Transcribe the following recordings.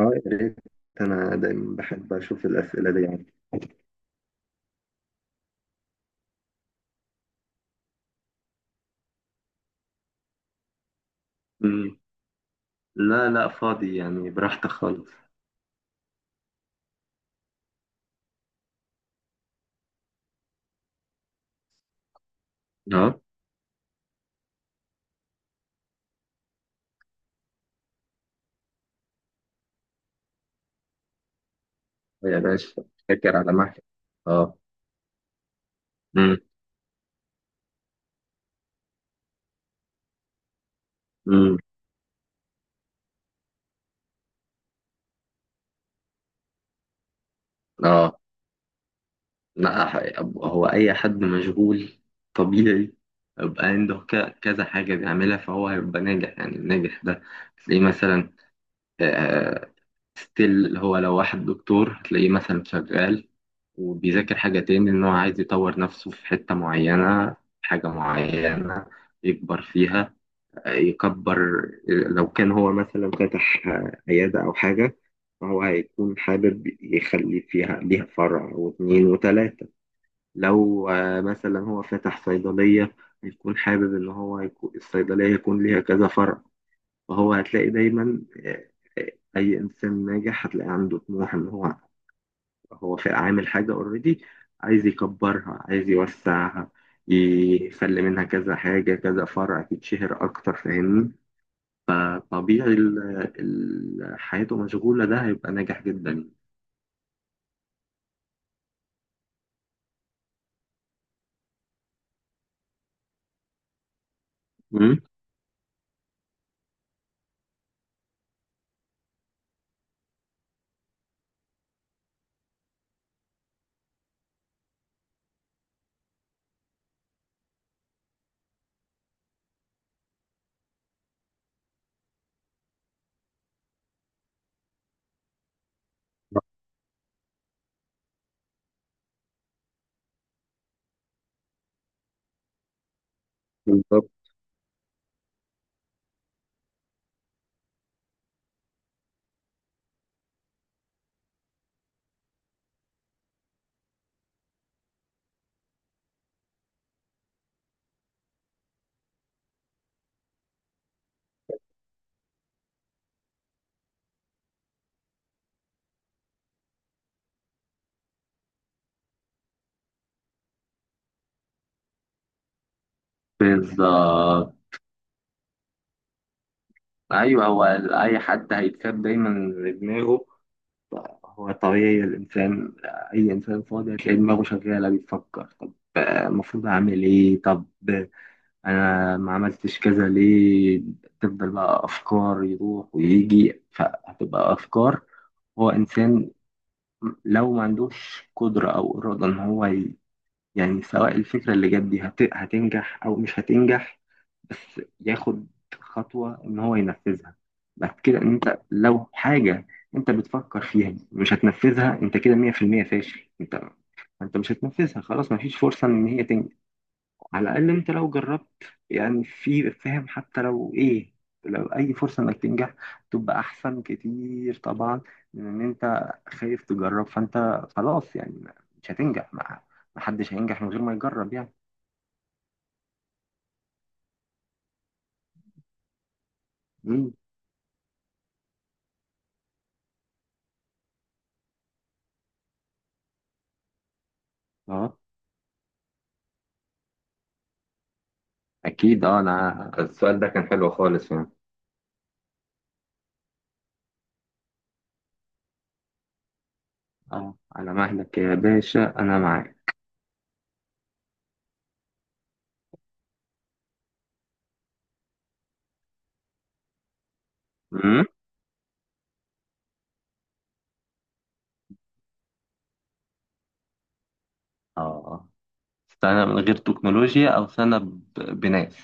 اه، يا ريت. انا دايما بحب اشوف الاسئله دي يعني. مم. لا لا فاضي يعني، براحتك خالص. اه يا باشا. فاكر على محل. اه. مم. مم. اه. لا، هو اي حد مشغول طبيعي يبقى عنده كذا حاجة بيعملها، فهو هيبقى ناجح. يعني الناجح ده تلاقيه مثلا ستيل، هو لو واحد دكتور هتلاقيه مثلا شغال وبيذاكر حاجة تاني، إن هو عايز يطور نفسه في حتة معينة، حاجة معينة يكبر فيها. يكبر لو كان هو مثلا فتح عيادة أو حاجة، فهو هيكون حابب يخلي فيها ليها فرع واتنين وتلاتة. لو مثلا هو فتح صيدلية، هيكون حابب إن هو يكون الصيدلية يكون ليها كذا فرع. فهو هتلاقي دايما آه، أي إنسان ناجح هتلاقي عنده طموح، إن هو هو في عامل حاجة اوريدي، عايز يكبرها، عايز يوسعها، يخلي منها كذا حاجة كذا فرع تتشهر أكتر. فاهمني؟ طبيعي، حياته مشغولة، ده هيبقى ناجح جدا. مم. بالظبط. بالظبط، أيوه. هو أي حد هيتكب دايما لدماغه، هو طبيعي الإنسان، أي إنسان فاضي هتلاقي دماغه شغالة بيفكر، طب المفروض أعمل إيه؟ طب انا ما عملتش كذا ليه؟ تفضل بقى افكار يروح ويجي، فهتبقى افكار. هو انسان لو ما عندوش قدرة او ارادة ان هو يعني سواء الفكرة اللي جت دي هتنجح او مش هتنجح، بس ياخد خطوة ان هو ينفذها. بعد كده، ان انت لو حاجة انت بتفكر فيها مش هتنفذها، انت كده 100% فاشل. انت انت مش هتنفذها خلاص، مفيش فرصة ان هي تنجح. على الأقل أنت لو جربت، يعني في فاهم، حتى لو إيه، لو أي فرصة إنك تنجح تبقى أحسن كتير طبعا من إن أنت خايف تجرب. فأنت خلاص يعني مش هتنجح، ما ما حدش هينجح من غير ما يجرب يعني. مم. أه. أكيد أه، أنا السؤال ده كان حلو خالص يعني. أه على مهلك يا باشا، أنا معاك. امم. أه، سنة من غير تكنولوجيا أو سنة بناس؟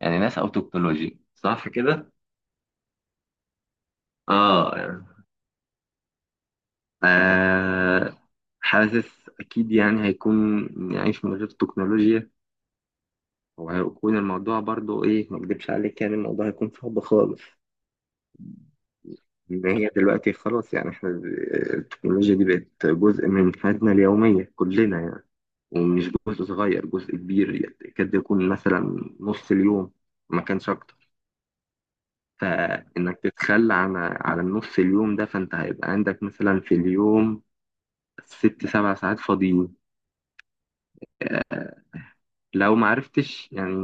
يعني ناس أو تكنولوجيا، صح كده؟ اه. آه. حاسس أكيد يعني هيكون نعيش من غير تكنولوجيا، وهيكون الموضوع برضو إيه، ما أكدبش عليك يعني الموضوع هيكون صعب خالص. إن هي دلوقتي خلاص، يعني إحنا التكنولوجيا دي بقت جزء من حياتنا اليومية كلنا يعني، ومش جزء صغير، جزء كبير، يكاد يكون مثلا نص اليوم ما كانش أكتر. فإنك تتخلى عن على النص اليوم ده، فأنت هيبقى عندك مثلا في اليوم ست سبع ساعات فاضيين لو ما عرفتش يعني.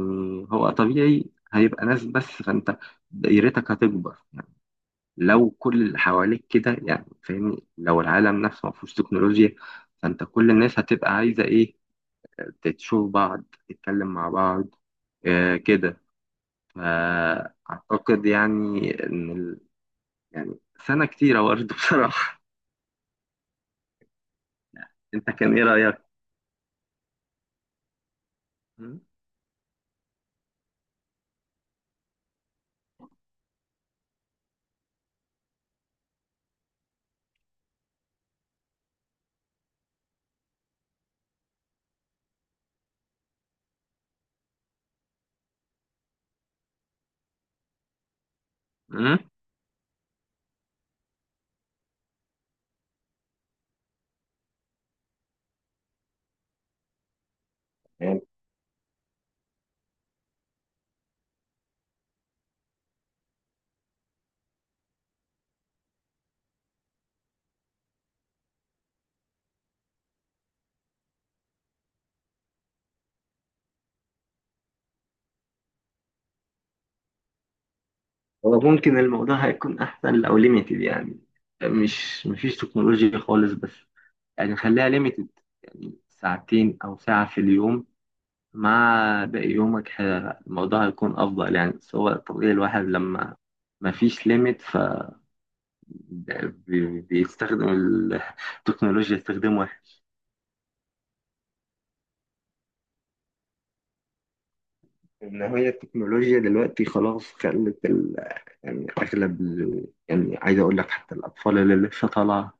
هو طبيعي، هيبقى ناس بس، فانت دايرتك هتكبر يعني لو كل اللي حواليك كده، يعني فاهمني، لو العالم نفسه ما فيهوش تكنولوجيا، فانت كل الناس هتبقى عايزة ايه، تشوف بعض تتكلم مع بعض، آه كده. فأعتقد يعني ان يعني سنة كتيرة برضه بصراحة. انت كان ايه رأيك؟ م؟ م؟ يعني هو ممكن الموضوع هيكون احسن لو ليميتد، يعني مش مفيش تكنولوجيا خالص، بس يعني خليها ليميتد، يعني ساعتين أو ساعة في اليوم مع باقي يومك الموضوع هيكون أفضل يعني. بس هو طبيعي الواحد لما ما فيش ليميت ف بيستخدم التكنولوجيا استخدام واحد. إن هي التكنولوجيا دلوقتي خلاص خلت يعني أغلب يعني عايز أقول لك حتى الأطفال اللي لسه طالعة،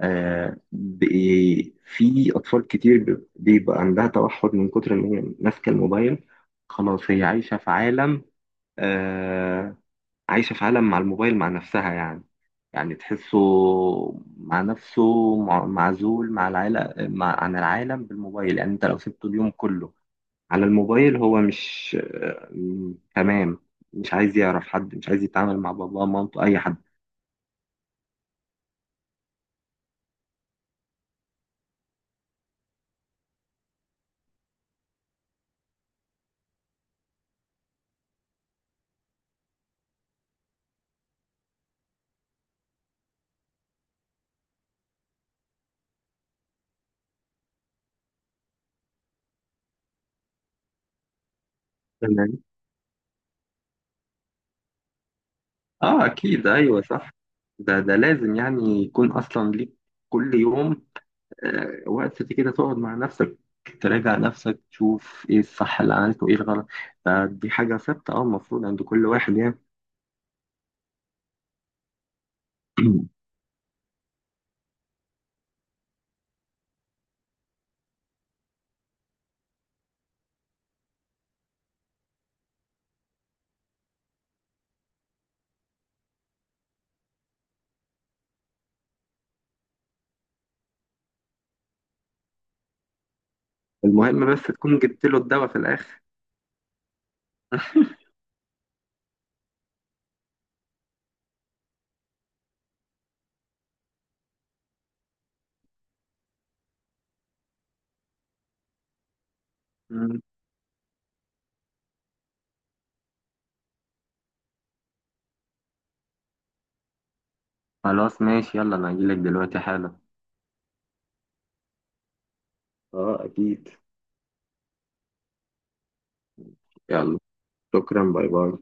في أطفال كتير بيبقى عندها توحد من كتر إن هي ماسكة الموبايل. خلاص هي عايشة في عالم، آه، عايشة في عالم مع الموبايل مع نفسها يعني، يعني تحسه مع نفسه، معزول مع العالم، مع عن العالم بالموبايل. يعني أنت لو سبته اليوم كله على الموبايل، هو مش تمام، مش عايز يعرف حد، مش عايز يتعامل مع باباه مامته أي حد. اه اكيد، ايوه صح. ده ده لازم يعني يكون اصلا ليك كل يوم وقت كده تقعد مع نفسك، تراجع نفسك، تشوف ايه الصح اللي عملته وايه الغلط. ده دي حاجة ثابتة اه، المفروض عند كل واحد يعني. المهم بس تكون جبت له الدواء في الاخر. مم. خلاص ماشي، يلا انا هجيلك دلوقتي حالا. اه اكيد. يلا، شكرا، باي باي.